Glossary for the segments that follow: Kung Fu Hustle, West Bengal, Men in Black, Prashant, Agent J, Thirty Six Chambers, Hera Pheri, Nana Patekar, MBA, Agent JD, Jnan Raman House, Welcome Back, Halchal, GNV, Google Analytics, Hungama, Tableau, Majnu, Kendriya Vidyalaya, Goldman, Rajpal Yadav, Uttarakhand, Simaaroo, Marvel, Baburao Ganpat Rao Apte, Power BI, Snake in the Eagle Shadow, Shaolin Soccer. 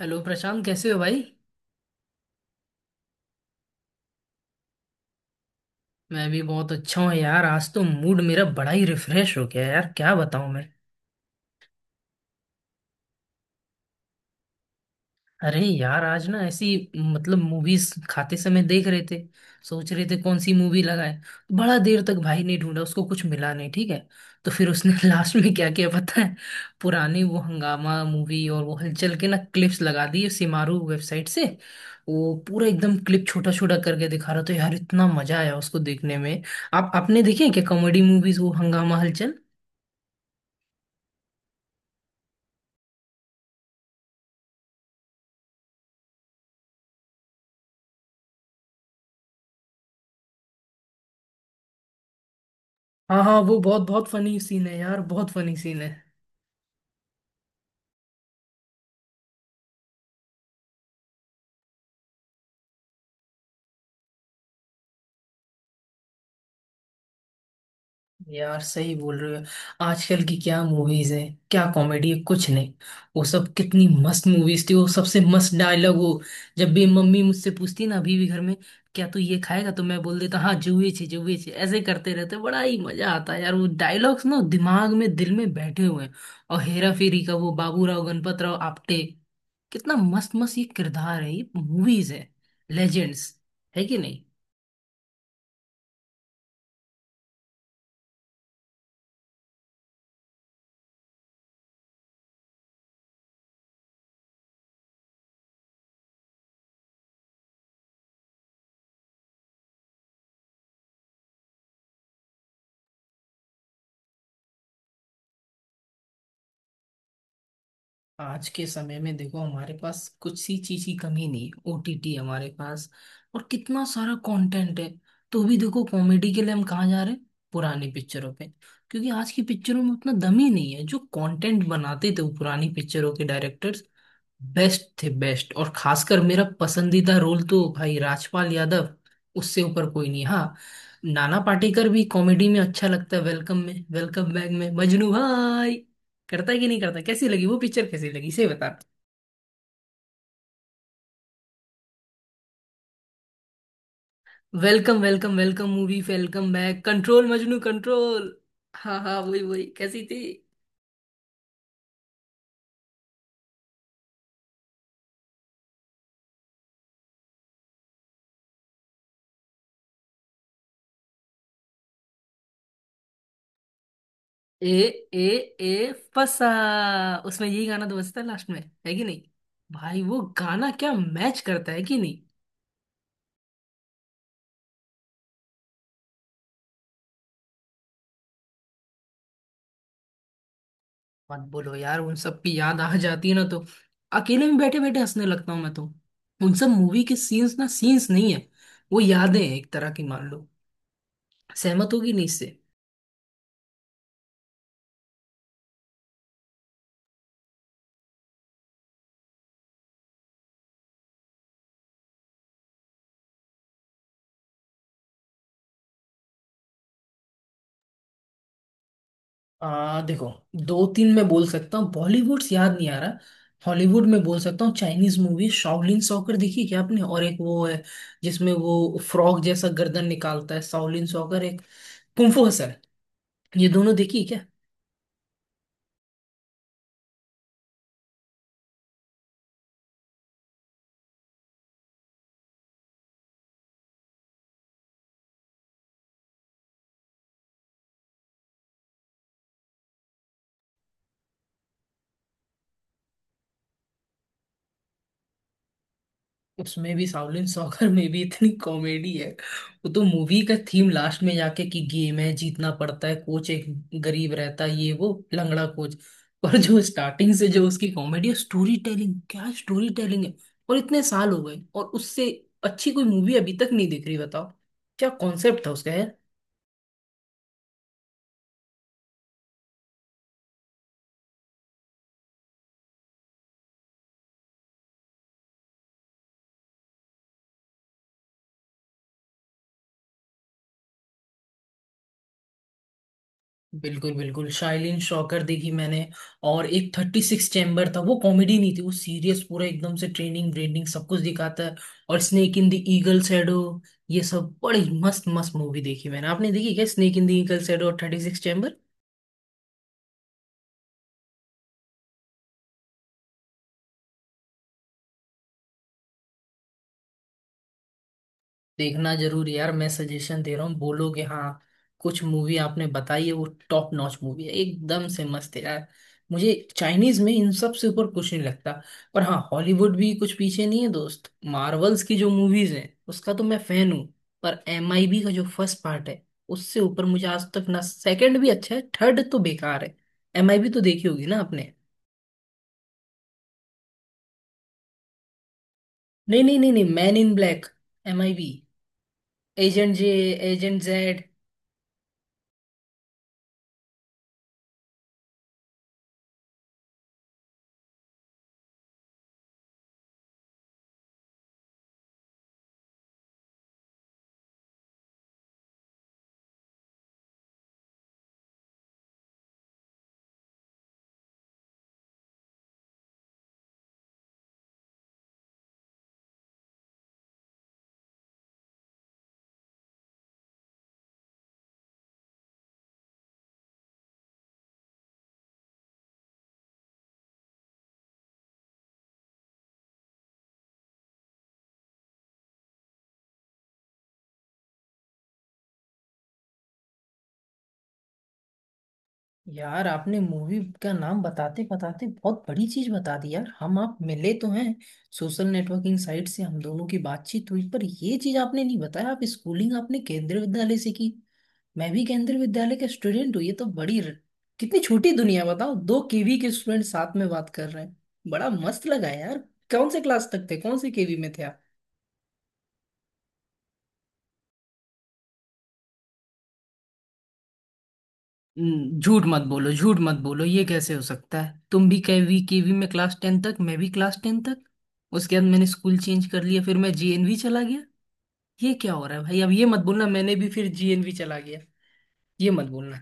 Hello Prashant, कैसे हो भाई? मैं भी बहुत अच्छा हूँ यार। आज तो मूड मेरा बड़ा ही रिफ्रेश हो गया, यार क्या बताऊँ मैं। अरे यार, आज ना ऐसी मतलब मूवीज खाते समय देख रहे थे, सोच रहे थे कौन सी मूवी लगाए। बड़ा देर तक भाई ने ढूंढा, उसको कुछ मिला नहीं, ठीक है। तो फिर उसने लास्ट में क्या किया पता है? पुरानी वो हंगामा मूवी और वो हलचल के ना, क्लिप्स लगा दिए सिमारू वेबसाइट से। वो पूरा एकदम क्लिप छोटा छोटा करके दिखा रहा था यार, इतना मजा आया उसको देखने में। आप आपने देखे हैं क्या कॉमेडी मूवीज, वो हंगामा हलचल? हाँ हाँ, वो बहुत बहुत फनी सीन है यार, बहुत फनी सीन है। यार सही बोल रहे हो। आजकल की क्या मूवीज हैं, क्या कॉमेडी है, कुछ नहीं। वो सब कितनी मस्त मूवीज थी, वो सबसे मस्त डायलॉग। वो जब भी मम्मी मुझसे पूछती ना, अभी भी घर में, क्या तू ये खाएगा, तो मैं बोल देता हाँ जुए छे, जुए छे, ऐसे करते रहते, बड़ा ही मजा आता है यार। वो डायलॉग्स ना दिमाग में, दिल में बैठे हुए हैं। और हेरा फेरी का वो बाबूराव गणपत राव आपटे, कितना मस्त मस्त ये किरदार है, ये मूवीज है, लेजेंड्स है कि। आज के समय में देखो, हमारे पास कुछ सी चीज की कमी नहीं, ओटीटी हमारे पास, और कितना सारा कंटेंट है। तो भी देखो, कॉमेडी के लिए हम कहाँ जा रहे हैं, पुरानी पिक्चरों पे। क्योंकि आज की पिक्चरों में उतना दम ही नहीं है। जो कंटेंट बनाते थे वो पुरानी पिक्चरों के डायरेक्टर्स, बेस्ट थे बेस्ट। और खासकर मेरा पसंदीदा रोल तो भाई राजपाल यादव, उससे ऊपर कोई नहीं। हाँ, नाना पाटेकर भी कॉमेडी में अच्छा लगता है, वेलकम में, वेलकम बैक में, मजनू भाई, करता है कि नहीं करता, कैसी लगी वो पिक्चर, कैसी लगी से बता। Welcome, Welcome, Welcome movie, Welcome Back, control Majnu control. हाँ हाँ, वही वही, कैसी थी? ए, ए, ए फसा, उसमें यही गाना तो बजता है लास्ट में, है कि नहीं? भाई वो गाना क्या मैच करता है कि नहीं? मत बोलो यार, उन सब की याद आ जाती है ना, तो अकेले में बैठे बैठे हंसने लगता हूँ मैं तो। उन सब मूवी के सीन्स ना, सीन्स नहीं है, वो यादें हैं एक तरह की, मान लो, सहमत होगी नहीं इससे। आ देखो, दो तीन मैं बोल सकता हूँ, बॉलीवुड से याद नहीं आ रहा। हॉलीवुड में बोल सकता हूँ, चाइनीज मूवी शाओलिन सॉकर देखी क्या आपने? और एक वो है जिसमें वो फ्रॉग जैसा गर्दन निकालता है, शाओलिन सॉकर एक, कुंफू हसल, ये दोनों देखी क्या? उसमें भी, शाओलिन सॉकर में भी इतनी कॉमेडी है। वो तो मूवी का थीम, लास्ट में जाके कि गेम है जीतना पड़ता है, कोच एक गरीब रहता है, ये वो लंगड़ा कोच। पर जो स्टार्टिंग से जो उसकी कॉमेडी है, स्टोरी टेलिंग, क्या स्टोरी टेलिंग है। और इतने साल हो गए, और उससे अच्छी कोई मूवी अभी तक नहीं दिख रही, बताओ। क्या कॉन्सेप्ट था उसका। बिल्कुल बिल्कुल, शाइलिन शॉकर देखी मैंने। और एक 36 चैम्बर था, वो कॉमेडी नहीं थी, वो सीरियस पूरा एकदम से, ट्रेनिंग ब्रेनिंग सब कुछ दिखाता है। और snake in the eagle shadow, ये सब बड़ी मस्त मस्त मूवी देखी मैंने। आपने देखी क्या snake in the eagle shadow और 36? देखना जरूर यार, मैं सजेशन दे रहा हूँ, बोलोगे हाँ। कुछ मूवी आपने बताई है, वो टॉप नॉच मूवी है, एकदम से मस्त है यार। मुझे चाइनीज में इन सब से ऊपर कुछ नहीं लगता। पर हाँ, हॉलीवुड भी कुछ पीछे नहीं है दोस्त, मार्वल्स की जो मूवीज हैं उसका तो मैं फैन हूँ। पर एमआईबी का जो फर्स्ट पार्ट है, उससे ऊपर मुझे आज तक ना, सेकंड भी अच्छा है, थर्ड तो बेकार है। एमआईबी तो देखी होगी ना आपने? नहीं नहीं नहीं नहीं, man in black, MIB, agent J, agent Z. यार आपने मूवी का नाम बताते बताते बहुत बड़ी चीज बता दी यार। हम आप मिले तो हैं सोशल नेटवर्किंग साइट से, हम दोनों की बातचीत हुई, पर ये चीज आपने नहीं बताया, आप स्कूलिंग आपने केंद्रीय विद्यालय से की। मैं भी केंद्रीय विद्यालय का स्टूडेंट हूँ, ये तो बड़ी कितनी छोटी दुनिया है, बताओ, दो केवी के स्टूडेंट साथ में बात कर रहे हैं। बड़ा मस्त लगा यार। कौन से क्लास तक थे, कौन से केवी में थे आप? झूठ मत बोलो, झूठ मत बोलो, ये कैसे हो सकता है, तुम भी केवी, केवी में क्लास 10 तक, मैं भी क्लास 10 तक, उसके बाद मैंने स्कूल चेंज कर लिया, फिर मैं जीएनवी चला गया। ये क्या हो रहा है भाई, अब ये मत बोलना मैंने भी फिर जीएनवी चला गया। ये मत बोलना।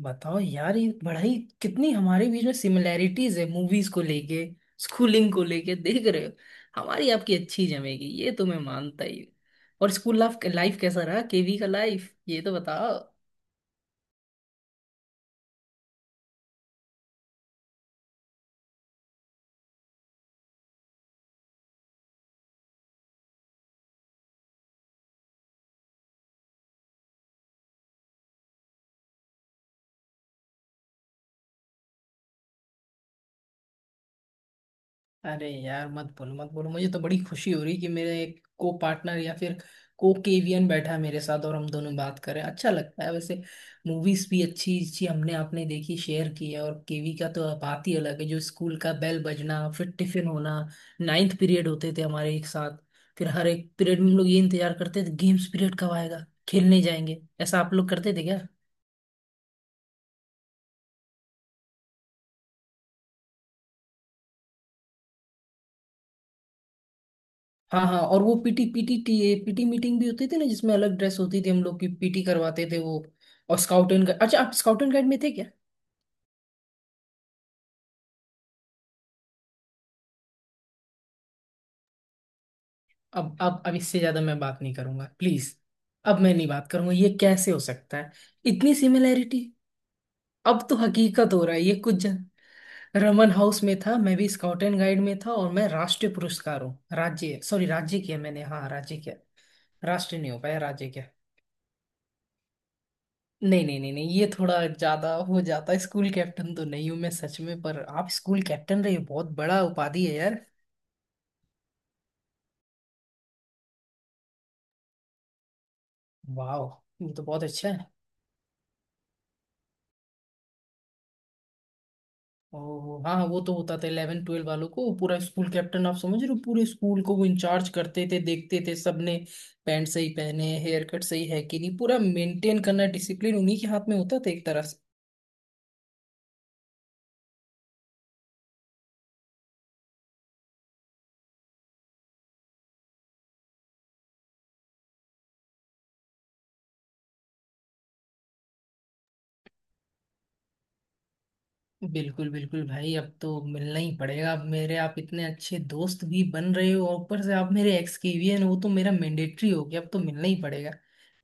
बताओ यार, ये पढ़ाई, कितनी हमारे बीच में सिमिलैरिटीज है, मूवीज को लेके, स्कूलिंग को लेके, देख रहे हो। हमारी आपकी अच्छी जमेगी ये तो मैं मानता ही हूँ। और स्कूल लाइफ लाइफ कैसा रहा केवी का लाइफ, ये तो बताओ। अरे यार मत बोलो मत बोलो, मुझे तो बड़ी खुशी हो रही कि मेरे एक को पार्टनर या फिर को केवियन बैठा है मेरे साथ, और हम दोनों बात कर रहे हैं। अच्छा लगता है वैसे। मूवीज भी अच्छी अच्छी हमने आपने देखी, शेयर की है। और केवी का तो बात ही अलग है, जो स्कूल का बेल बजना, फिर टिफिन होना, नाइन्थ पीरियड होते थे हमारे एक साथ। फिर हर एक पीरियड में हम लोग ये इंतजार करते थे, गेम्स पीरियड कब आएगा, खेलने जाएंगे, ऐसा आप लोग करते थे क्या? हाँ हाँ, और वो PT PT T PT meeting भी होती थी ना, जिसमें अलग ड्रेस होती थी, हम लोग की पीटी करवाते थे वो। और स्काउट एंड गाइड, अच्छा, आप स्काउट एंड गाइड में थे क्या? अब इससे ज्यादा मैं बात नहीं करूंगा प्लीज, अब मैं नहीं बात करूंगा, ये कैसे हो सकता है, इतनी सिमिलैरिटी, अब तो हकीकत हो रहा है ये कुछ जन, रमन हाउस में था, मैं भी स्काउट एंड गाइड में था, और मैं राष्ट्रीय पुरस्कार हूँ, राज्य, सॉरी, राज्य किया मैंने, हाँ राज्य किया, राष्ट्रीय नहीं हो पाया, राज्य किया। नहीं नहीं नहीं नहीं, ये थोड़ा ज्यादा हो जाता है, स्कूल कैप्टन तो नहीं हूँ मैं सच में, पर आप स्कूल कैप्टन रहे, बहुत बड़ा उपाधि है यार। वाह, ये तो बहुत अच्छा है। और हाँ हाँ, वो तो होता था 11 12 वालों को, पूरा स्कूल कैप्टन, आप समझ रहे हो, पूरे स्कूल को वो इंचार्ज करते थे, देखते थे सबने पैंट सही पहने, हेयर कट सही है कि नहीं, पूरा मेंटेन करना, डिसिप्लिन उन्हीं के हाथ में होता था एक तरह से। बिल्कुल बिल्कुल भाई, अब तो मिलना ही पड़ेगा, अब मेरे आप इतने अच्छे दोस्त भी बन रहे हो, और ऊपर से आप मेरे एक्स केवी हैं, वो तो मेरा मैंडेटरी हो गया, अब तो मिलना ही पड़ेगा,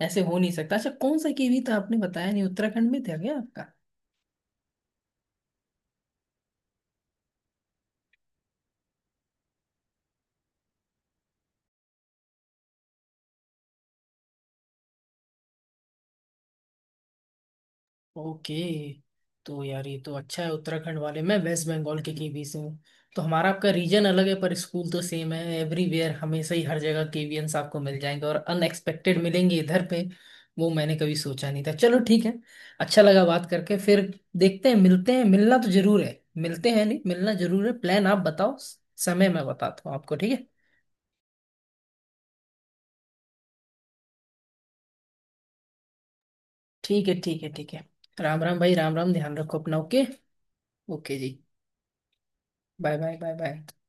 ऐसे हो नहीं सकता। अच्छा, कौन सा केवी था, आपने बताया नहीं, उत्तराखंड में था क्या आपका? ओके, तो यार ये तो अच्छा है उत्तराखंड वाले, मैं वेस्ट बंगाल के केवी से हूँ, तो हमारा आपका रीजन अलग है, पर स्कूल तो सेम है एवरीवेयर, हमेशा ही हर जगह केवीएंस आपको मिल जाएंगे, और अनएक्सपेक्टेड मिलेंगे इधर पे, वो मैंने कभी सोचा नहीं था। चलो ठीक है, अच्छा लगा बात करके। फिर देखते हैं, मिलते हैं, मिलना तो जरूर है, मिलते हैं, नहीं मिलना जरूर है, प्लान आप बताओ, समय मैं बताता हूँ आपको, ठीक है? ठीक है, ठीक है, ठीक है, राम राम भाई, राम राम, ध्यान रखो अपना, ओके, ओके जी, बाय बाय, बाय बाय।